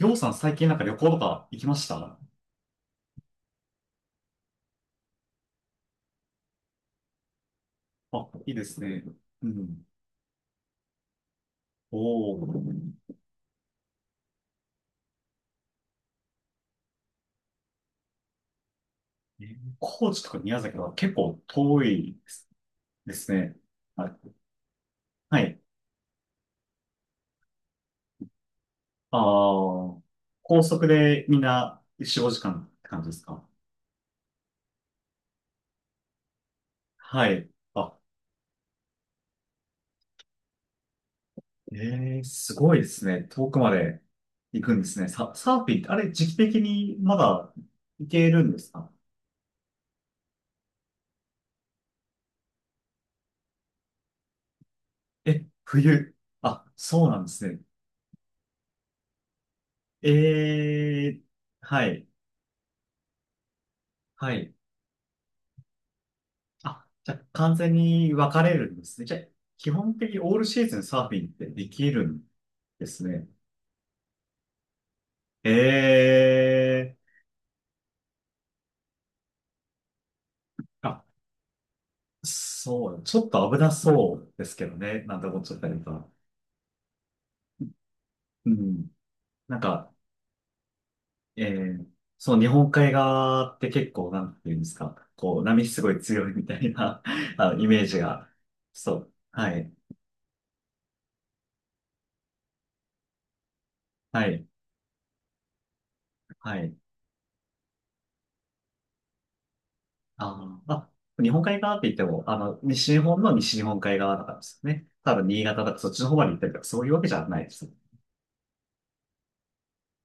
りょうさん最近なんか旅行とか行きました？あ、いいですね。うん。おお。え、高知とか宮崎は結構遠いですね。はい。はい。ああ、高速でみんな4、5時間って感じですか？はい。あ、ええ、すごいですね。遠くまで行くんですね。サーフィンって、あれ、時期的にまだ行けるんですか？え、冬。あ、そうなんですね。ええ、はい。はい。あ、じゃあ完全に分かれるんですね。じゃあ、基本的にオールシーズンサーフィンってできるんですね。ええ。あ、そう、ちょっと危なそうですけどね、なんて思っちゃったりとか。うん。なんか、ええ、その日本海側って結構、なんていうんですか。こう、波すごい強いみたいな あのイメージが。そう。はい。はい。はい。あー、まあ、日本海側って言っても、西日本の西日本海側だからですよね。多分新潟とかそっちの方まで行ったりとか、そういうわけじゃないです。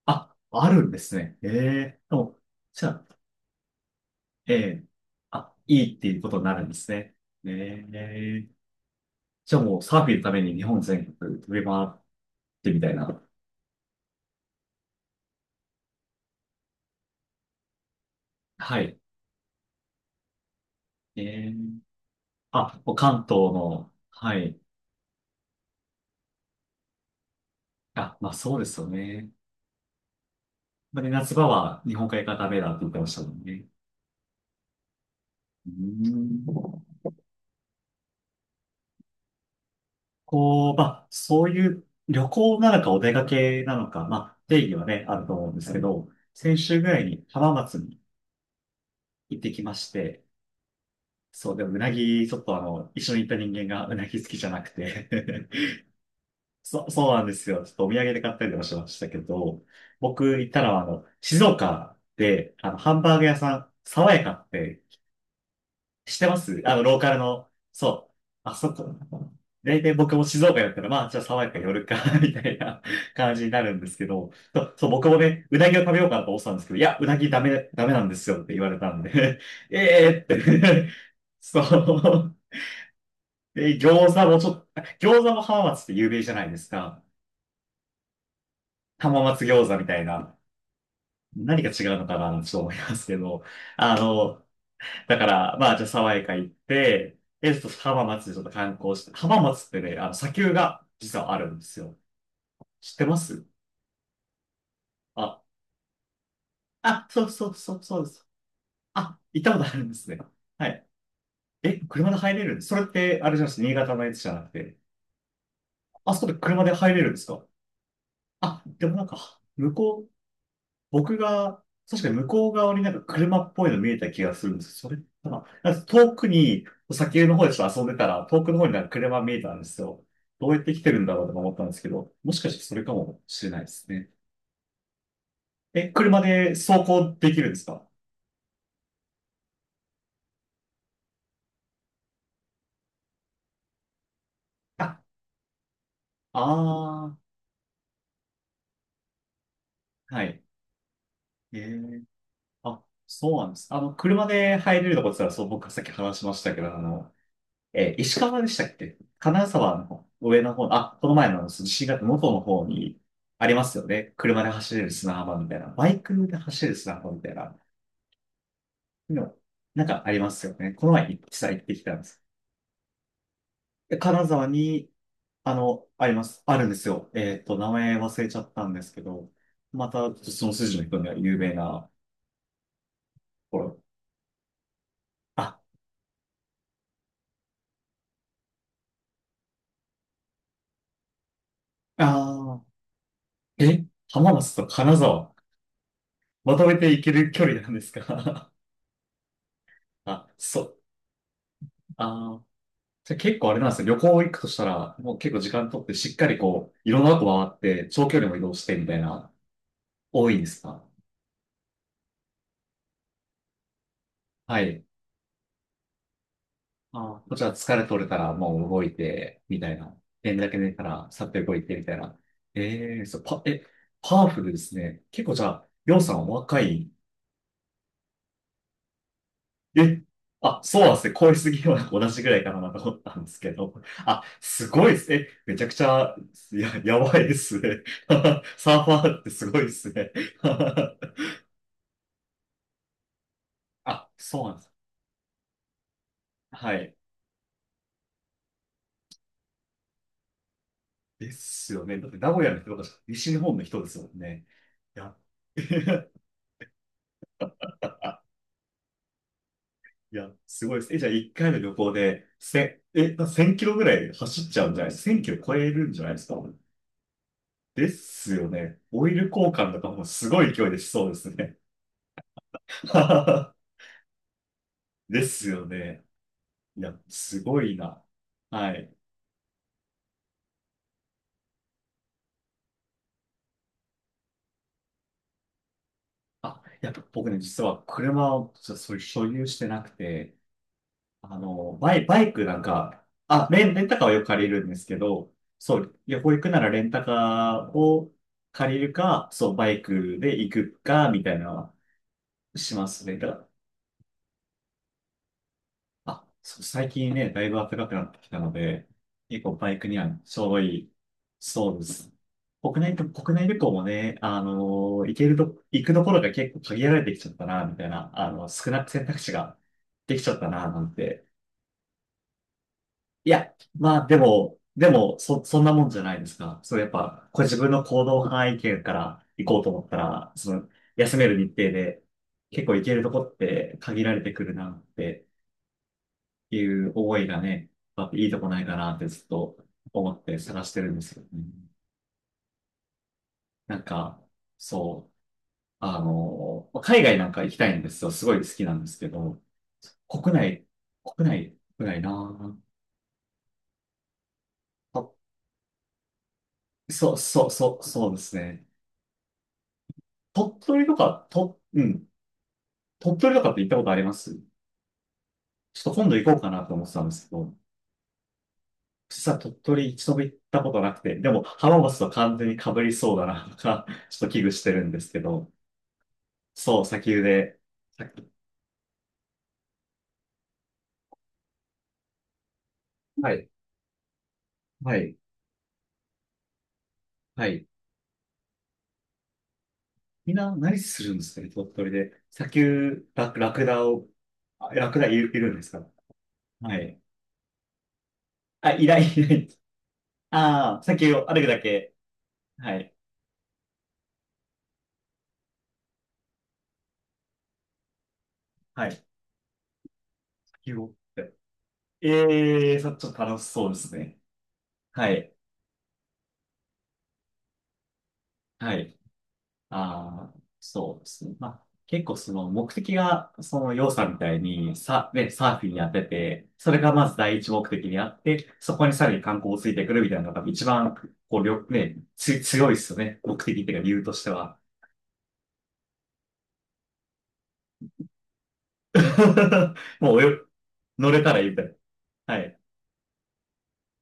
あ、あるんですね。ええ、でも、じゃあ、ええ、あ、いいっていうことになるんですね。ええ、じゃあもうサーフィンのために日本全国飛び回ってみたいな。はい。ええ、あ、もう関東の、はい。あ、まあそうですよね。まあね、夏場は日本海側ダメだって言ってましたもんね。うーん。こう、まあ、そういう旅行なのかお出かけなのか、まあ、定義はね、あると思うんですけど、先週ぐらいに浜松に行ってきまして、そう、でもうなぎ、ちょっと一緒に行った人間がうなぎ好きじゃなくて そうなんですよ。ちょっとお土産で買ったりとかしましたけど、僕行ったのは静岡で、ハンバーグ屋さん、爽やかってしてます、ローカルの、そう。あそこ。大体僕も静岡だったら、まあ、じゃあ爽やか寄るか みたいな感じになるんですけど、とそう、そう僕もね、うなぎを食べようかなと思ってたんですけど、いや、うなぎダメ、ダメなんですよって言われたんで ええーって そう。で、餃子も浜松って有名じゃないですか。浜松餃子みたいな。何が違うのかな、ちょっと思いますけど、あの、だから、まあ、じゃあ、爽やか行って、え、ちょっと浜松でちょっと観光して、浜松ってね、砂丘が実はあるんですよ。知ってます？あ、あ、そうそうそう、そうです。あ、行ったことあるんですね。はい。え、車で入れるんです？それって、あれじゃないです？新潟のやつじゃなくて。あ、そこで車で入れるんですか？あ、でもなんか、僕が、確かに向こう側になんか車っぽいの見えた気がするんですよ。それかな、なんか遠くに、先の方でちょっと遊んでたら、遠くの方になんか車見えたんですよ。どうやって来てるんだろうとか思ったんですけど、もしかしてそれかもしれないですね。え、車で走行できるんですか？あ、ああ、はい。ええ、あ、そうなんです。車で入れるとこって言ったら、そう、僕がさっき話しましたけど、石川でしたっけ、金沢の方、上の方、あ、この前のあの新潟の元の方にありますよね。車で走れる砂浜みたいな。バイクで走れる砂浜みたいな。の、なんかありますよね。この前実際行ってきたんです。で金沢に、あります。あるんですよ。えっと、名前忘れちゃったんですけど、また、その筋の人には有名なところ。あ、あー、え、浜松と金沢、まとめて行ける距離なんですか？ あ、そう。あー、じゃあ結構あれなんですよ。旅行行くとしたら、もう結構時間取って、しっかりこう、いろんなとこ回って、長距離も移動してみたいな、多いんですか？はい。ああ、こっちは疲れ取れたら、もう動いて、みたいな。連だけ寝たら、さっと動いて、みたいな。ええ、そう、パワフルですね。結構じゃあ、りょうさんお若い。え、あ、そうなんですね。恋すぎは同じぐらいかなと思ったんですけど。あ、すごいですね。めちゃくちゃ、やばいですね。サーファーってすごいですね。あ、そうなんです。はい。ですよね。だって名古屋の人とか、西日本の人ですもんね。いや、いや、すごいです。え、じゃあ1回の旅行で、せ、え、な1000キロぐらい走っちゃうんじゃないですか？ 1000 キロ超えるんじゃないですか？ですよね。オイル交換とかもすごい勢いでしそうですね。ですよね。いや、すごいな。はい。あ、やっぱ僕ね、実は車をちょっとそういう所有してなくて、バイクなんか、あ、レンタカーはよく借りるんですけど、そう、旅行行くならレンタカーを借りるか、そう、バイクで行くか、みたいなのはしますね。あ、そう、最近ね、だいぶ暖かくなってきたので、結構バイクにはちょうどいい。そうです。国内旅行もね、行くところが結構限られてきちゃったな、みたいな、少なく選択肢ができちゃったな、なんて。いや、まあでも、そんなもんじゃないですか。そう、やっぱ、これ自分の行動範囲圏から行こうと思ったら、その、休める日程で、結構行けるとこって限られてくるなっていう思いがね、やっぱいいとこないかなってずっと思って探してるんですよね。なんか、そう、海外なんか行きたいんですよ。すごい好きなんですけど、国内、国内、国内なぁ。あ、そう、そう、そう、そうですね。鳥取とか、うん。鳥取とかって行ったことあります？ちょっと今度行こうかなと思ってたんですけど、実は鳥取一度も行ったことなくて、でも浜松と完全に被りそうだなとか、ちょっと危惧してるんですけど、そう、砂丘で、さはい。はい、はい。みんな何するんですかね、鳥取で。砂丘、ラクダを、あ、ラクダいるんですか？はい。あ、いない、いない。ああ、砂丘を歩くだけ。はい、はい。砂丘を。ええー、ちょっと楽しそうですね。はい。はい。ああ、そうですね。まあ、結構その目的が、その要さんみたいに、サーフィンやってて、それがまず第一目的にあって、そこにさらに観光をついてくるみたいなのが一番、こう、りょ、ね、つ、強いっすよね。目的っていうか理由としては。もう、乗れたらいいみたいな。はい。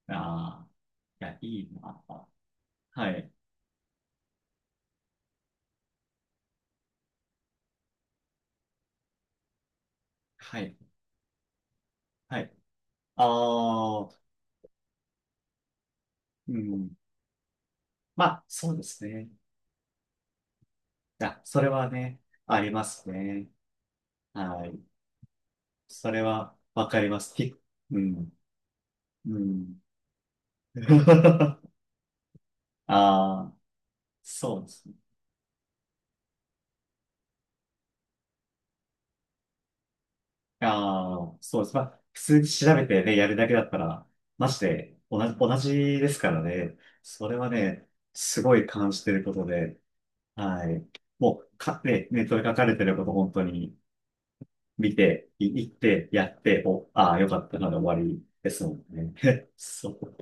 ああ、いや、いいな。はい。はい。はい。ああ、うん。まあ、そうですね。いや、それはね、ありますね。はい。それはわかります。うん。うん。ああ、そうですね。ああ、そうです。まあ、普通に調べてね、やるだけだったら、まして、同じ、同じですからね。それはね、すごい感じてることで、はい。もう、ネットで書かれてること本当に見て、行って、やって、ああ、よかったなで終わりですもんね。そう。